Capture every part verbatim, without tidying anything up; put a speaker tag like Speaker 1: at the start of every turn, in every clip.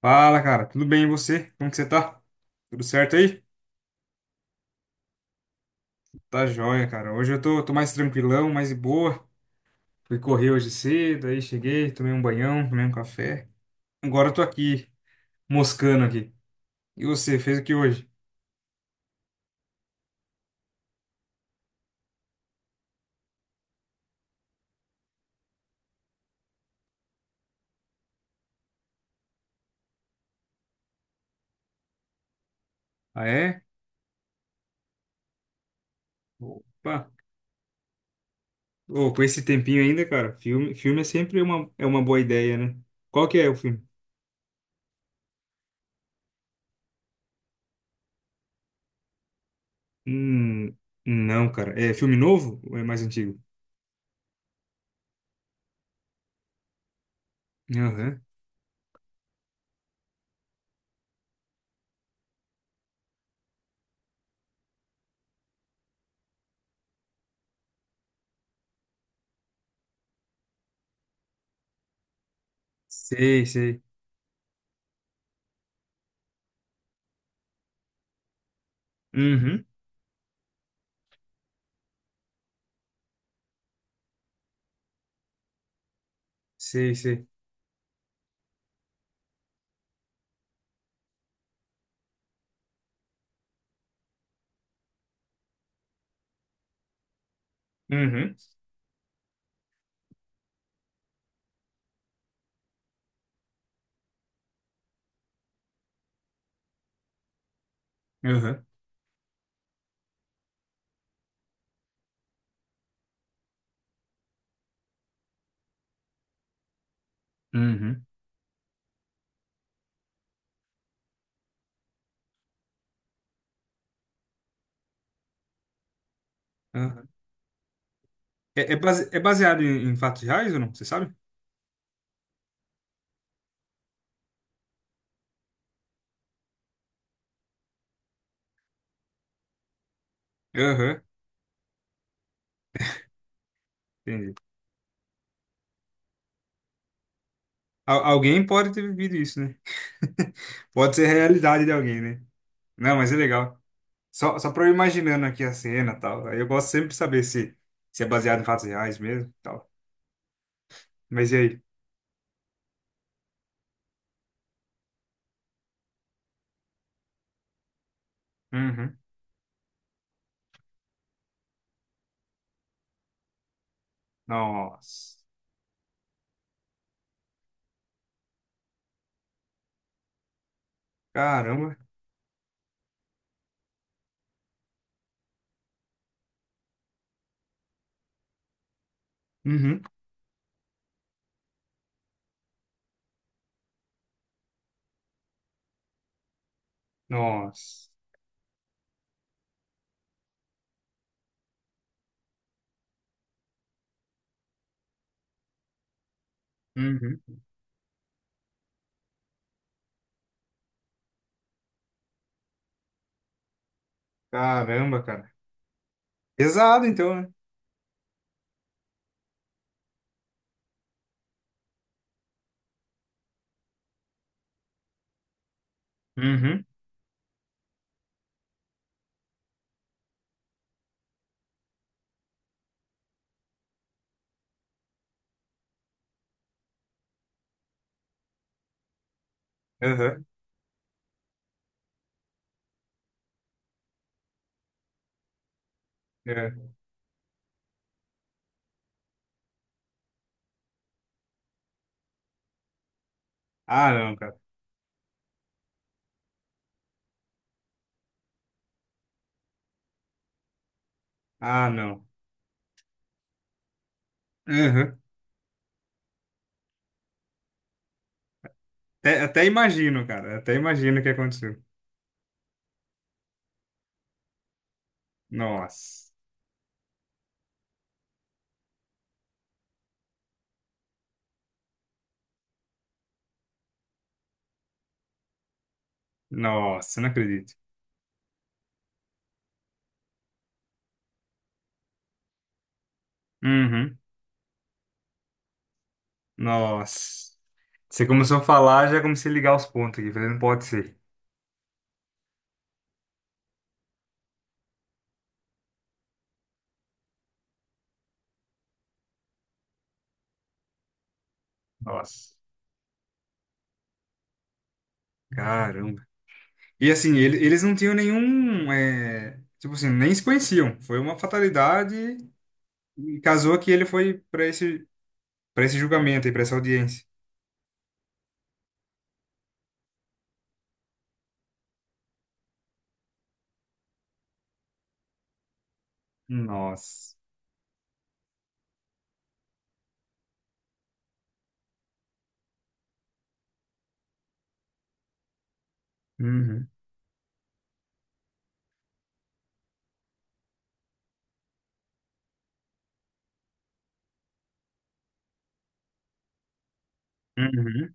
Speaker 1: Fala, cara. Tudo bem e você? Como que você tá? Tudo certo aí? Tá joia, cara. Hoje eu tô, tô mais tranquilão, mais de boa. Fui correr hoje cedo, aí cheguei, tomei um banhão, tomei um café. Agora eu tô aqui, moscando aqui. E você, fez o que hoje? Ah, é? Opa! Ô, com esse tempinho ainda, cara, filme, filme é sempre uma, é uma boa ideia, né? Qual que é o filme? Hum, não, cara. É filme novo ou é mais antigo? Aham. Sei, sei. Uhum. Sei, sei. Uhum. Aham. Uhum. Aham. É, é base- é baseado em, em fatos reais ou não? Você sabe? Aham, entendi. Al- alguém pode ter vivido isso, né? Pode ser a realidade de alguém, né? Não, mas é legal. Só, só pra eu imaginando aqui a cena e tal. Aí eu gosto sempre de saber se, se é baseado em fatos reais mesmo e tal. Mas e aí? Uhum. Nossa. Caramba. Uhum. Nossa. Uhum. Caramba, cara. Pesado então, né? Uhum. Aham. É. Ah, não, cara. Ah, não. Uhum. Até, até imagino, cara. Até imagino o que aconteceu. Nossa. Nossa, não acredito. Uhum. Nossa. Você começou a falar, já comecei a ligar os pontos aqui. Falei, não pode ser. Nossa. Caramba. E assim, ele- eles não tinham nenhum, é, tipo assim, nem se conheciam. Foi uma fatalidade e casou que ele foi para esse, para esse julgamento e para essa audiência. Nossa. Uhum. Uhum.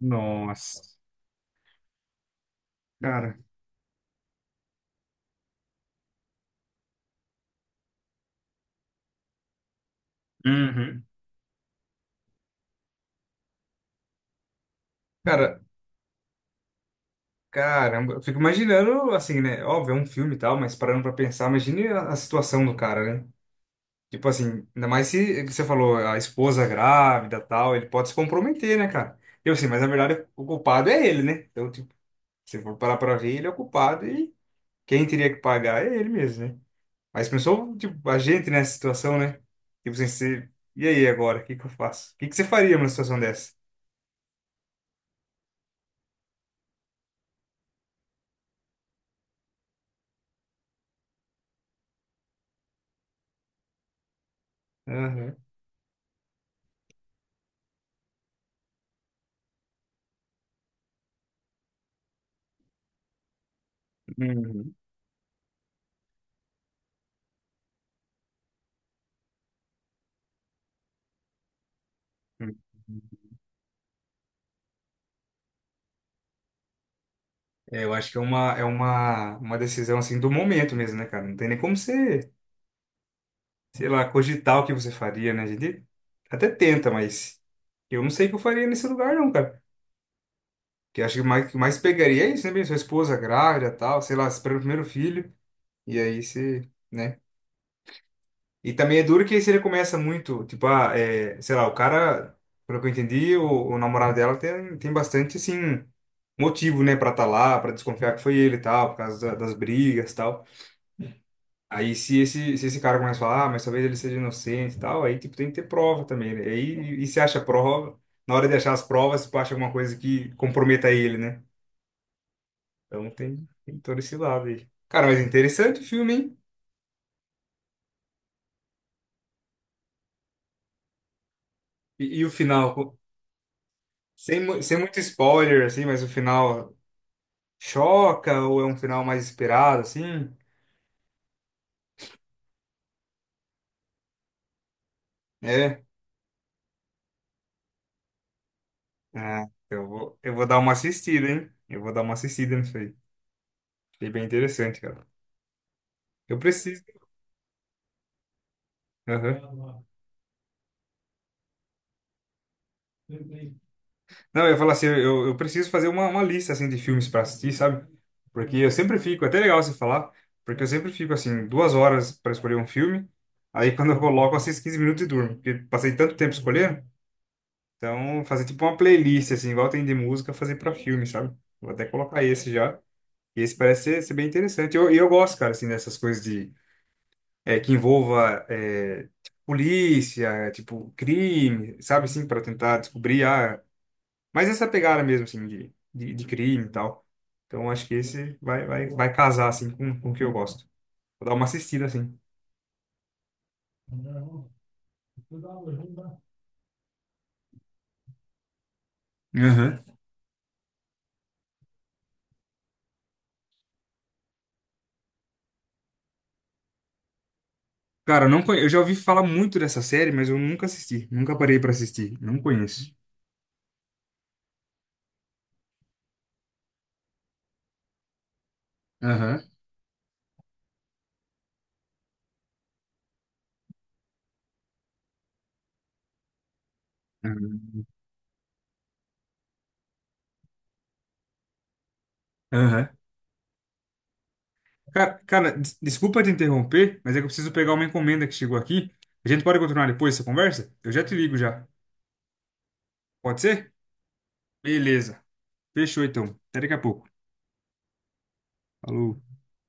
Speaker 1: Nossa. Cara. Uhum. Cara, caramba, eu fico imaginando, assim, né? Óbvio, é um filme e tal, mas parando pra pensar, imagine a, a situação do cara, né? Tipo assim, ainda mais se, que você falou, a esposa grávida tal, ele pode se comprometer, né, cara? Eu assim, mas na verdade o culpado é ele, né? Então, tipo, se for parar pra ver, ele é o culpado e quem teria que pagar é ele mesmo, né? Mas pensou, tipo, a gente nessa situação, né? Tipo assim, você, e aí agora? O que que eu faço? O que que você faria numa situação dessa? Aham. Uhum. Uhum. É, eu acho que é uma, é uma, uma decisão assim do momento mesmo, né, cara? Não tem nem como você, sei lá, cogitar o que você faria, né? A gente até tenta, mas eu não sei o que eu faria nesse lugar, não, cara. Que acho que mais, que mais pegaria é isso, né? Bem? Sua esposa grávida, tal, sei lá, espera o primeiro filho, e aí você, né? E também é duro que aí você começa muito, tipo, ah, é, sei lá, o cara, pelo que eu entendi, o, o namorado dela tem, tem bastante, assim, motivo, né, pra estar tá lá, pra desconfiar que foi ele e tal, por causa da- das brigas e tal. Aí se esse, se esse cara começa a falar, ah, mas talvez ele seja inocente e tal, aí tipo, tem que ter prova também, né? Aí, e se acha prova, na hora de achar as provas, tipo, acha alguma coisa que comprometa ele, né? Então tem, tem todo esse lado aí. Cara, mas interessante o filme, hein? E, e o final, co- sem, mu- sem muito spoiler, assim, mas o final choca ou é um final mais esperado, assim? É? Ah, eu vou, eu vou dar uma assistida, hein? Eu vou dar uma assistida nisso aí. Achei bem interessante, cara. Eu preciso. Aham. Não, eu ia falar assim, eu, eu preciso fazer uma, uma lista assim de filmes para assistir, sabe? Porque eu sempre fico, é até legal você falar, porque eu sempre fico assim, duas horas para escolher um filme, aí quando eu coloco, eu assisto quinze minutos e durmo, porque passei tanto tempo escolhendo, então fazer tipo uma playlist, assim, igual tem de música, fazer para filme, sabe? Vou até colocar esse já, e esse parece ser, ser bem interessante. E eu, e eu gosto, cara, assim, dessas coisas de, é, que envolva, é, tipo, polícia, tipo, crime, sabe, assim, para tentar descobrir, ah, mas essa pegada mesmo, assim, de, de, de crime e tal. Então acho que esse vai, vai, vai casar, assim, com, com o que eu gosto. Vou dar uma assistida, assim. Aham. Cara, eu não conhe... eu já ouvi falar muito dessa série, mas eu nunca assisti. Nunca parei pra assistir. Não conheço. Aham. Uhum. Aham. Cara, cara, des- desculpa te interromper, mas é que eu preciso pegar uma encomenda que chegou aqui. A gente pode continuar depois essa conversa? Eu já te ligo já. Pode ser? Beleza. Fechou então. Até daqui a pouco. Falou.